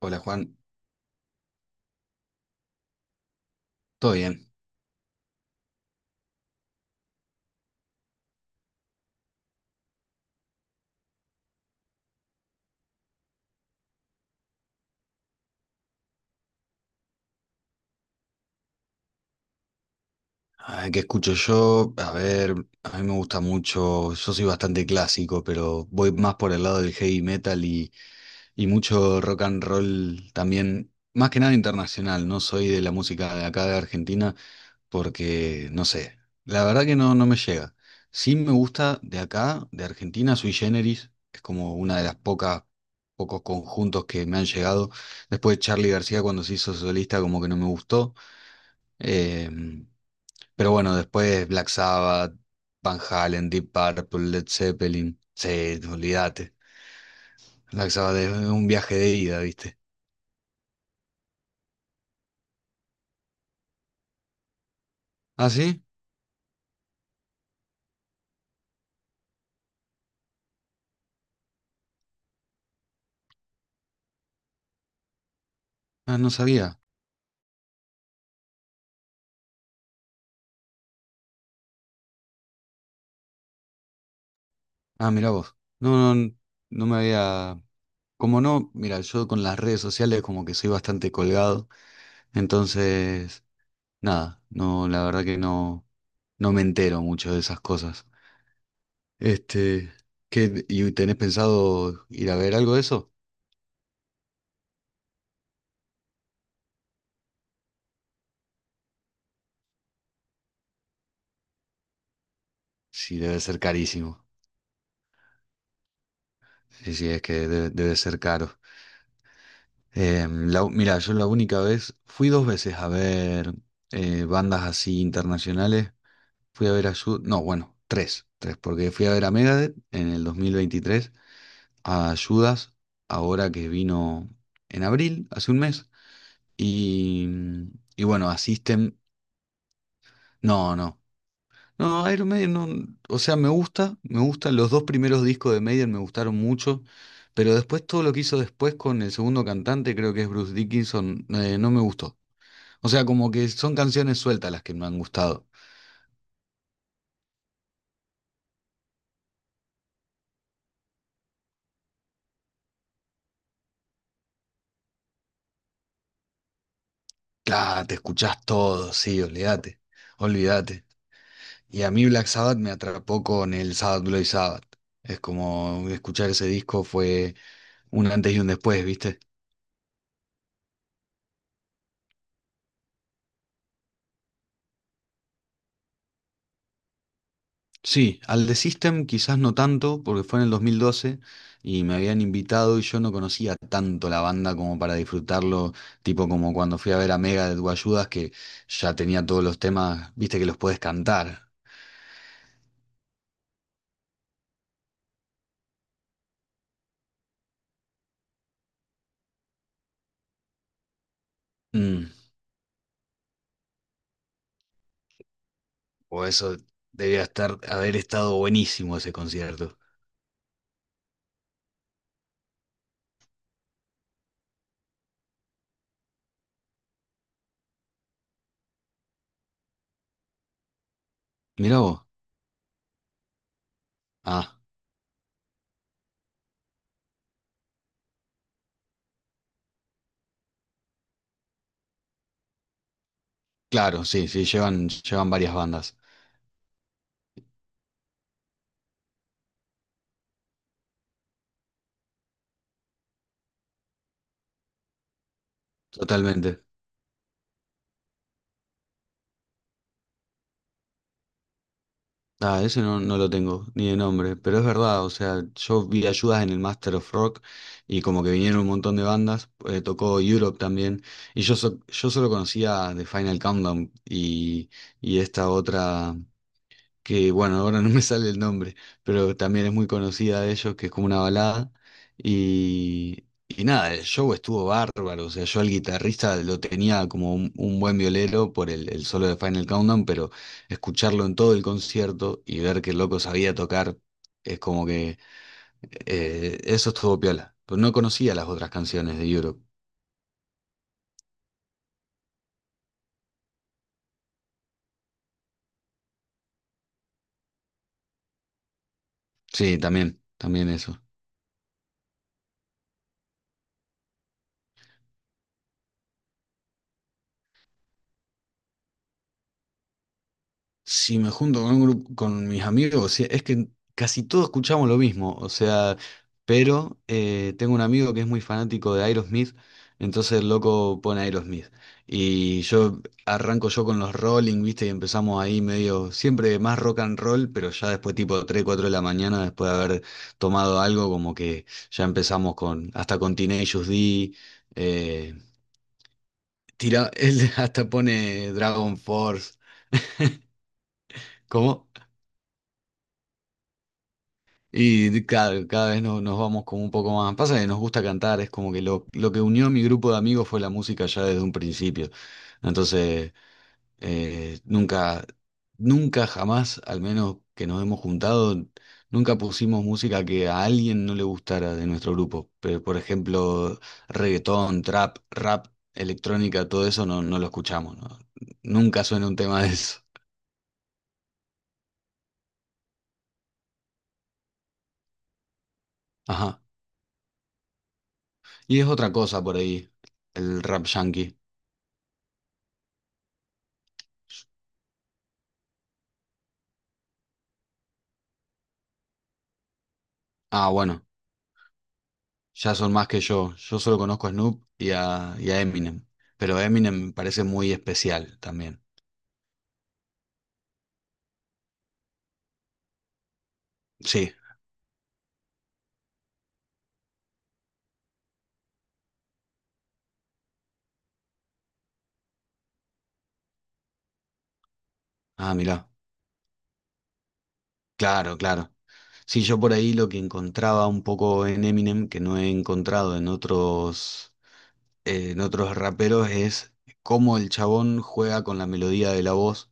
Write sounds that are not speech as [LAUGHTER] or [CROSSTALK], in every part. Hola Juan, ¿todo bien? Ah, ¿qué escucho yo? A ver, a mí me gusta mucho, yo soy bastante clásico, pero voy más por el lado del heavy metal y mucho rock and roll también, más que nada internacional, no soy de la música de acá de Argentina porque, no sé, la verdad que no, no me llega. Sí me gusta de acá, de Argentina, Sui Generis, es como una de pocos conjuntos que me han llegado. Después Charly García cuando se hizo solista como que no me gustó. Em, pero bueno, después Black Sabbath, Van Halen, Deep Purple, Led Zeppelin. Sí, olvídate. Black Sabbath es un viaje de ida, ¿viste? ¿Ah, sí? Ah, no sabía. Ah, mira vos. No, no, no me había. Como no, mira, yo con las redes sociales como que soy bastante colgado, entonces, nada, no, la verdad que no, no me entero mucho de esas cosas. Este, y tenés pensado ir a ver algo de eso? Sí, debe ser carísimo. Sí, sí, es que debe ser caro. Mira, yo la única vez, fui dos veces a ver bandas así internacionales. Fui a ver a Judas, no, bueno, tres, porque fui a ver a Megadeth en el 2023, a Judas, ahora que vino en abril, hace un mes, y, y bueno, a System, no, no. No, Iron Maiden no, o sea, me gusta, me gustan los dos primeros discos de Maiden, me gustaron mucho, pero después todo lo que hizo después con el segundo cantante, creo que es Bruce Dickinson, no me gustó. O sea, como que son canciones sueltas las que me han gustado. Claro, te escuchás todo, sí, olvídate, olvídate. Y a mí Black Sabbath me atrapó con el Sabbath Bloody Sabbath. Es como escuchar ese disco fue un antes y un después, ¿viste? Sí, al The System quizás no tanto, porque fue en el 2012 y me habían invitado y yo no conocía tanto la banda como para disfrutarlo, tipo como cuando fui a ver a Mega de Ayudas que ya tenía todos los temas, viste que los puedes cantar. Mm, o eso debía estar, haber estado buenísimo ese concierto. Mirá vos. Ah, claro, sí, sí, llevan varias bandas. Totalmente. Ah, ese no, no lo tengo, ni de nombre, pero es verdad, o sea, yo vi ayudas en el Master of Rock y como que vinieron un montón de bandas, tocó Europe también, y yo solo conocía The Final Countdown y esta otra, que bueno, ahora no me sale el nombre, pero también es muy conocida de ellos, que es como una balada. Y nada, el show estuvo bárbaro, o sea, yo al guitarrista lo tenía como un buen violero por el solo de Final Countdown, pero escucharlo en todo el concierto y ver que el loco sabía tocar, es como que eso estuvo piola. Pero no conocía las otras canciones de Europe. Sí, también, también eso. Si me junto con un grupo, con mis amigos, sí, es que casi todos escuchamos lo mismo, o sea, pero tengo un amigo que es muy fanático de Aerosmith, entonces el loco pone Aerosmith. Y yo arranco yo con los Rolling, ¿viste? Y empezamos ahí medio, siempre más rock and roll, pero ya después tipo 3 4 de la mañana, después de haber tomado algo, como que ya empezamos con, hasta con Teenage Us D, eh, tira, [LAUGHS] él hasta pone Dragon Force, ¿cómo? Y de- cada vez nos vamos como un poco más. Pasa que nos gusta cantar, es como que lo que unió a mi grupo de amigos fue la música ya desde un principio. Entonces, eh, nunca, nunca jamás, al menos que nos hemos juntado, nunca pusimos música que a alguien no le gustara de nuestro grupo. Pero, por ejemplo, reggaetón, trap, rap, electrónica, todo eso no, no lo escuchamos, ¿no? Nunca suena un tema de eso. Ajá. Y es otra cosa por ahí, el rap yankee. Ah, bueno. Ya son más que yo. Yo solo conozco a Snoop y a Eminem. Pero Eminem me parece muy especial también. Sí. Ah, mirá. Claro, claro. Sí, yo por ahí lo que encontraba un poco en Eminem, que no he encontrado en otros. En otros raperos es cómo el chabón juega con la melodía de la voz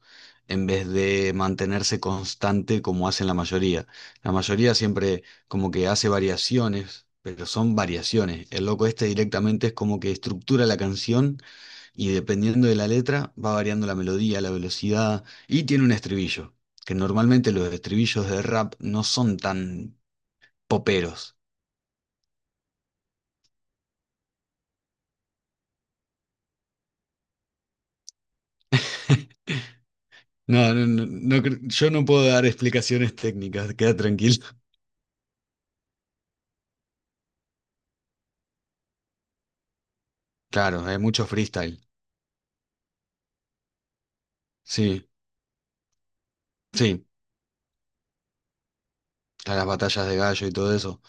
en vez de mantenerse constante como hacen la mayoría. La mayoría siempre como que hace variaciones, pero son variaciones. El loco este directamente es como que estructura la canción y dependiendo de la letra va variando la melodía, la velocidad y tiene un estribillo, que normalmente los estribillos de rap no son tan poperos. [LAUGHS] No, no, no. Yo no puedo dar explicaciones técnicas, queda tranquilo. Claro, hay mucho freestyle. Sí, sí, a las batallas de gallo y todo eso.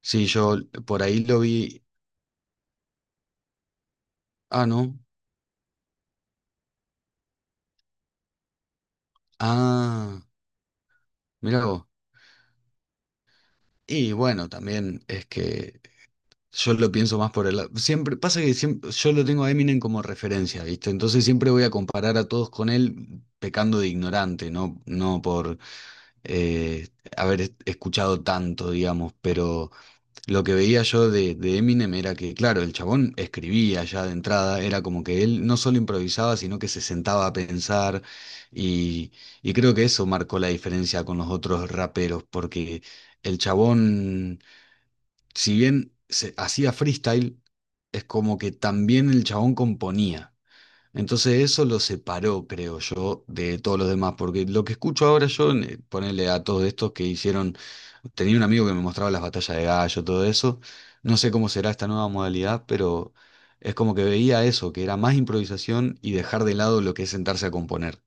Sí, yo por ahí lo vi. Ah, no. Ah, mirá vos. Y bueno, también es que yo lo pienso más por el lado. Siempre, pasa que siempre, yo lo tengo a Eminem como referencia, ¿viste? Entonces siempre voy a comparar a todos con él pecando de ignorante, no por eh, escuchado tanto, digamos, pero. Lo que veía yo de Eminem era que, claro, el chabón escribía ya de entrada, era como que él no solo improvisaba, sino que se sentaba a pensar y, y creo que eso marcó la diferencia con los otros raperos, porque el chabón, si bien se hacía freestyle, es como que también el chabón componía. Entonces eso lo separó, creo yo, de todos los demás, porque lo que escucho ahora yo, ponerle a todos estos que hicieron, tenía un amigo que me mostraba las batallas de gallo, todo eso, no sé cómo será esta nueva modalidad, pero es como que veía eso, que era más improvisación y dejar de lado lo que es sentarse a componer.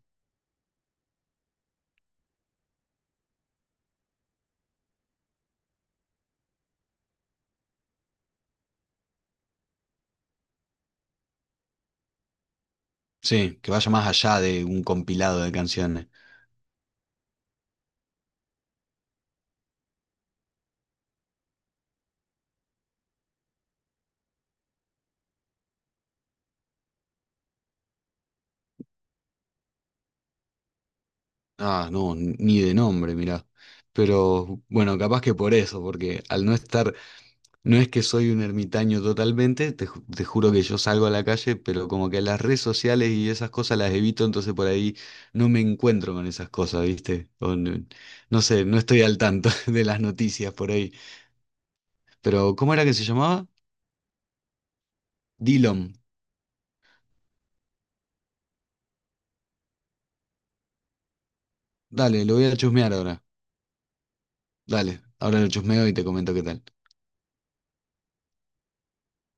Sí, que vaya más allá de un compilado de canciones. Ah, no, ni de nombre, mirá. Pero bueno, capaz que por eso, porque al no estar. No es que soy un ermitaño totalmente, te juro que yo salgo a la calle, pero como que las redes sociales y esas cosas las evito, entonces por ahí no me encuentro con esas cosas, ¿viste? O no, no sé, no estoy al tanto [LAUGHS] de las noticias por ahí. Pero, ¿cómo era que se llamaba? Dillom. Dale, lo voy a chusmear ahora. Dale, ahora lo chusmeo y te comento qué tal.